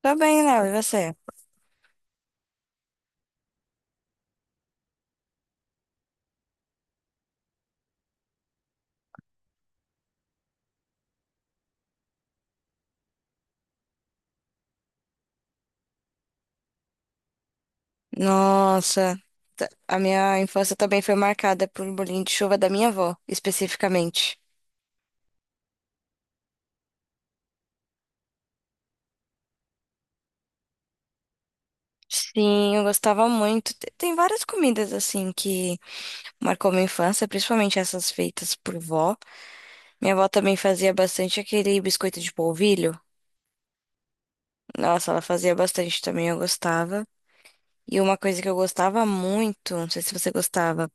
Tô bem, Léo, e você? Nossa, a minha infância também foi marcada por bolinho de chuva da minha avó, especificamente. Sim, eu gostava muito. Tem várias comidas assim que marcou minha infância, principalmente essas feitas por vó. Minha avó também fazia bastante aquele biscoito de polvilho. Nossa, ela fazia bastante também, eu gostava. E uma coisa que eu gostava muito, não sei se você gostava,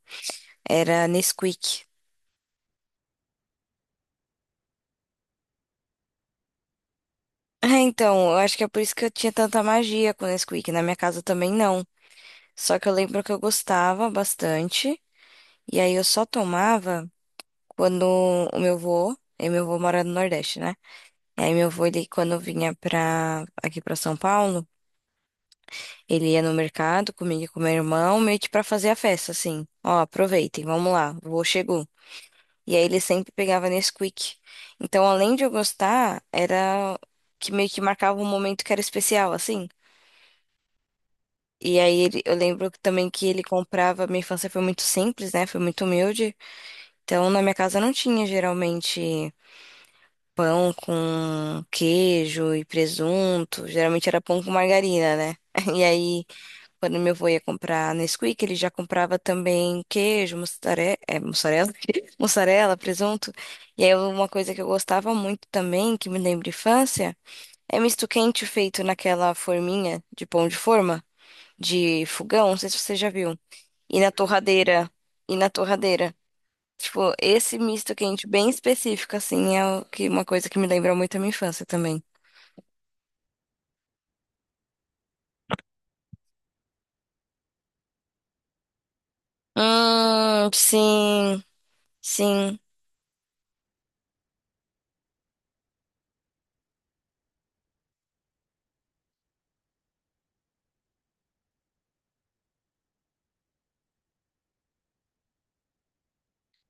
era Nesquik. Então, eu acho que é por isso que eu tinha tanta magia com Nesquik. Na minha casa também não. Só que eu lembro que eu gostava bastante. E aí eu só tomava quando o meu vô, e meu vô mora no Nordeste, né? E aí meu vô, ele, quando vinha aqui pra São Paulo, ele ia no mercado comigo e com meu irmão, meio que pra fazer a festa, assim. Ó, aproveitem, vamos lá, o vô chegou. E aí ele sempre pegava Nesquik. Então, além de eu gostar, era que meio que marcava um momento que era especial, assim. E aí eu lembro que também que ele comprava, minha infância foi muito simples, né? Foi muito humilde. Então, na minha casa não tinha geralmente pão com queijo e presunto. Geralmente era pão com margarina, né? E aí, quando meu avô ia comprar Nesquik, ele já comprava também queijo, mussarela, mussarela, presunto. E aí, uma coisa que eu gostava muito também, que me lembra infância, é misto quente feito naquela forminha de pão de forma, de fogão, não sei se você já viu. E na torradeira. E na torradeira. Tipo, esse misto quente bem específico, assim, é o que, uma coisa que me lembra muito a minha infância também. Sim, sim.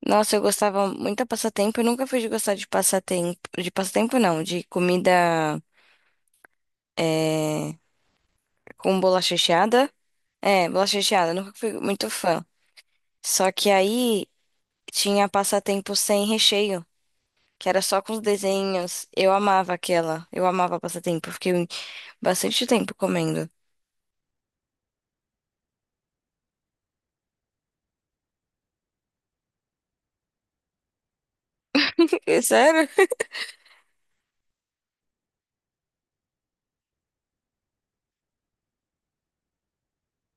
Nossa, eu gostava muito de passatempo. Eu nunca fui de gostar de passatempo. De passatempo, não, de comida é, com bolacha recheada. É, bolacha recheada, eu nunca fui muito fã. Só que aí tinha passatempo sem recheio, que era só com os desenhos. Eu amava aquela. Eu amava passatempo. eu fiquei bastante tempo comendo. Sério?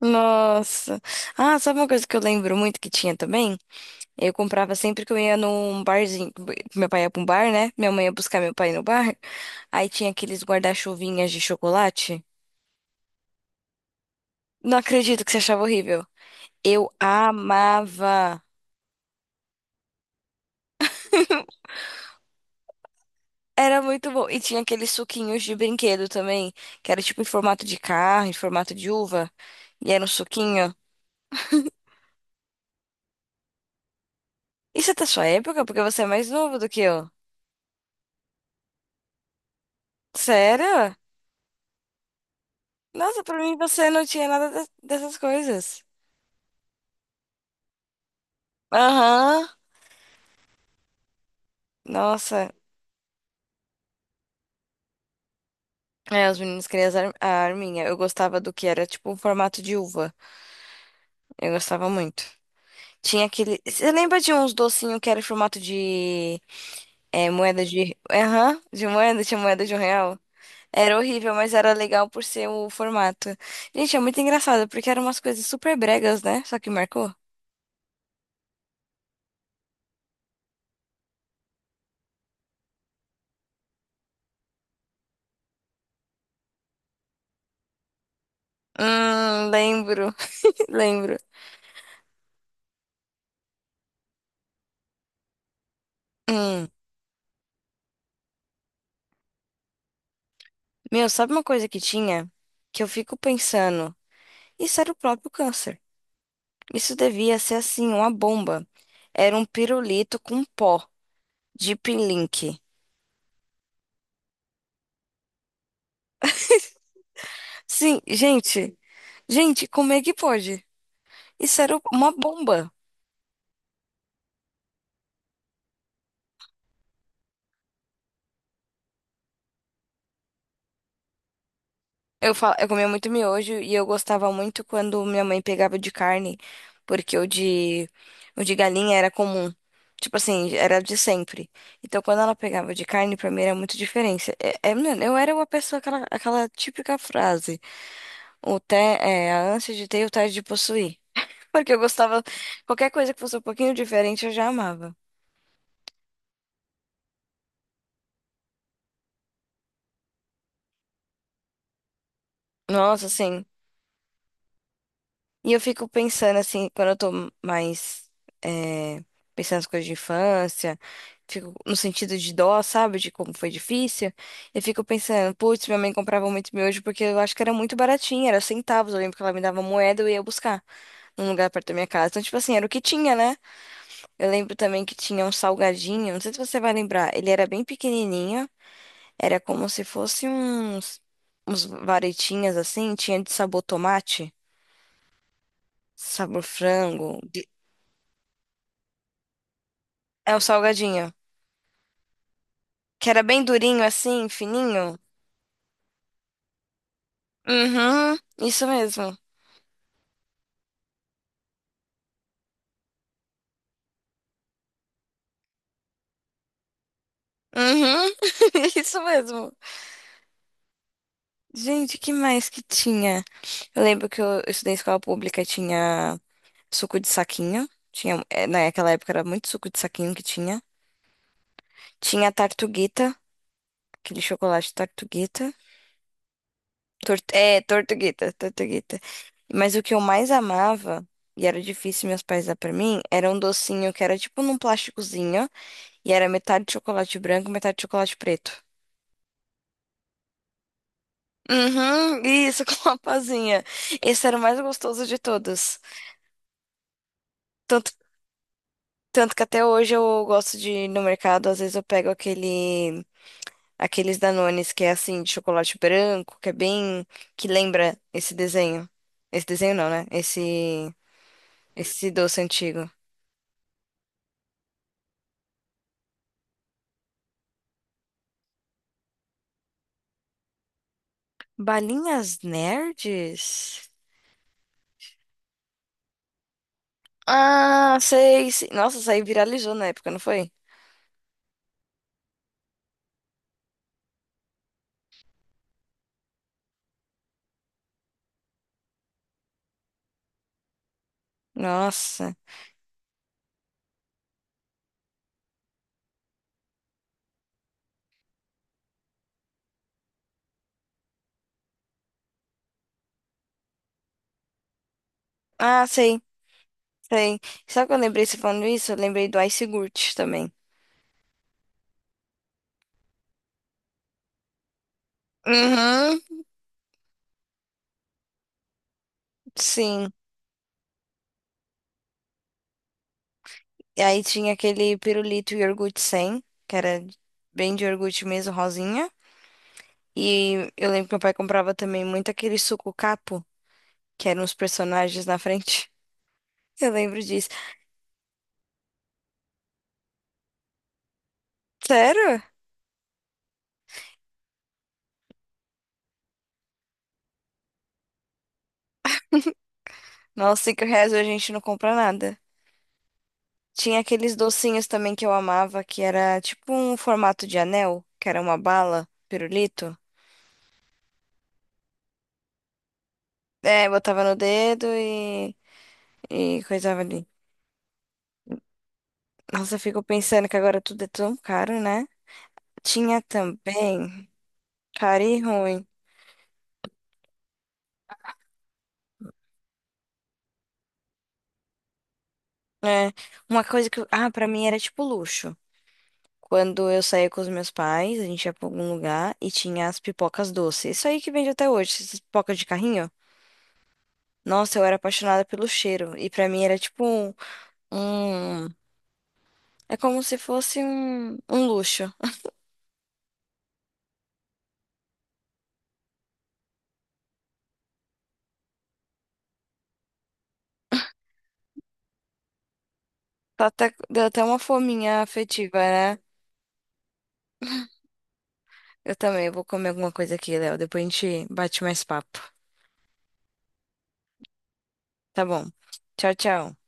Nossa. Ah, sabe uma coisa que eu lembro muito que tinha também? Eu comprava sempre que eu ia num barzinho. Meu pai ia pra um bar, né? Minha mãe ia buscar meu pai no bar. Aí tinha aqueles guarda-chuvinhas de chocolate. Não acredito que você achava horrível. Eu amava. Era muito bom. E tinha aqueles suquinhos de brinquedo também, que era tipo em formato de carro, em formato de uva. E era um suquinho. Isso é da sua época, porque você é mais novo do que eu. Sério? Nossa, pra mim você não tinha nada dessas coisas. Aham. Nossa. É, os meninos queriam as a arminha. Eu gostava do que era tipo um formato de uva. Eu gostava muito. Tinha aquele. Você lembra de uns docinhos que era em formato de moeda de. Aham, de moeda, tinha moeda de R$ 1. Era horrível, mas era legal por ser o formato. Gente, é muito engraçado, porque eram umas coisas super bregas, né? Só que marcou. Lembro, lembro. Hum. Meu, sabe uma coisa que tinha? Que eu fico pensando, isso era o próprio câncer. Isso devia ser assim, uma bomba. Era um pirulito com pó de Link. Sim, gente, gente, como é que pode? Isso era uma bomba. Eu comia muito miojo e eu gostava muito quando minha mãe pegava o de carne, porque o de galinha era comum. Tipo assim, era de sempre. Então, quando ela pegava o de carne, pra mim era muito diferença. É, mano, eu era uma pessoa, aquela típica frase: a ânsia de ter e o tédio de possuir. Porque eu gostava, qualquer coisa que fosse um pouquinho diferente, eu já amava. Nossa, assim. E eu fico pensando assim, quando eu tô mais eh, pensando nas coisas de infância, fico no sentido de dó, sabe? De como foi difícil. Eu fico pensando, putz, minha mãe comprava muito miojo porque eu acho que era muito baratinho, era centavos. Eu lembro que ela me dava moeda e eu ia buscar num lugar perto da minha casa. Então, tipo assim, era o que tinha, né? Eu lembro também que tinha um salgadinho, não sei se você vai lembrar, ele era bem pequenininho, era como se fosse uns varetinhas assim, tinha de sabor tomate, sabor frango. É o salgadinho. Que era bem durinho assim, fininho. Uhum, isso mesmo. Uhum, isso mesmo. Gente, que mais que tinha? Eu lembro que eu estudei em escola pública, e tinha suco de saquinho. Tinha, naquela época era muito suco de saquinho que tinha. Tinha tartuguita, aquele chocolate tartuguita. Tortuguita. Mas o que eu mais amava, e era difícil meus pais dar pra mim, era um docinho que era tipo num plásticozinho. E era metade de chocolate branco, metade de chocolate preto. Uhum, isso, com uma pazinha. Esse era o mais gostoso de todos. Tanto, tanto que até hoje eu gosto de ir no mercado, às vezes eu pego aquele, aqueles Danones que é assim, de chocolate branco, que é bem, que lembra esse desenho. Esse desenho não, né? Esse doce antigo. Balinhas nerds? Ah, sei, sei. Nossa, isso aí viralizou na época, não foi? Nossa. Ah, sei. Tem. Sabe que eu lembrei você falando isso? Eu lembrei do iogurte também. Uhum, sim. E aí tinha aquele pirulito iogurte sem, que era bem de iogurte mesmo, rosinha. E eu lembro que meu pai comprava também muito aquele suco capo, que eram os personagens na frente. Eu lembro disso. Sério? Nossa, R$ 5 hoje a gente não compra nada. Tinha aqueles docinhos também que eu amava, que era tipo um formato de anel, que era uma bala, pirulito. É, botava no dedo e coisava ali. Nossa, eu fico pensando que agora tudo é tão caro, né? Tinha também, caro e ruim. É, uma coisa que, ah, pra mim era tipo luxo. Quando eu saía com os meus pais, a gente ia pra algum lugar e tinha as pipocas doces. Isso aí que vende até hoje, essas pipocas de carrinho. Nossa, eu era apaixonada pelo cheiro. E pra mim era tipo um- é como se fosse um luxo. Tá até, deu até uma fominha afetiva, né? Eu também vou comer alguma coisa aqui, Léo. Depois a gente bate mais papo. Tá bom. Tchau, tchau.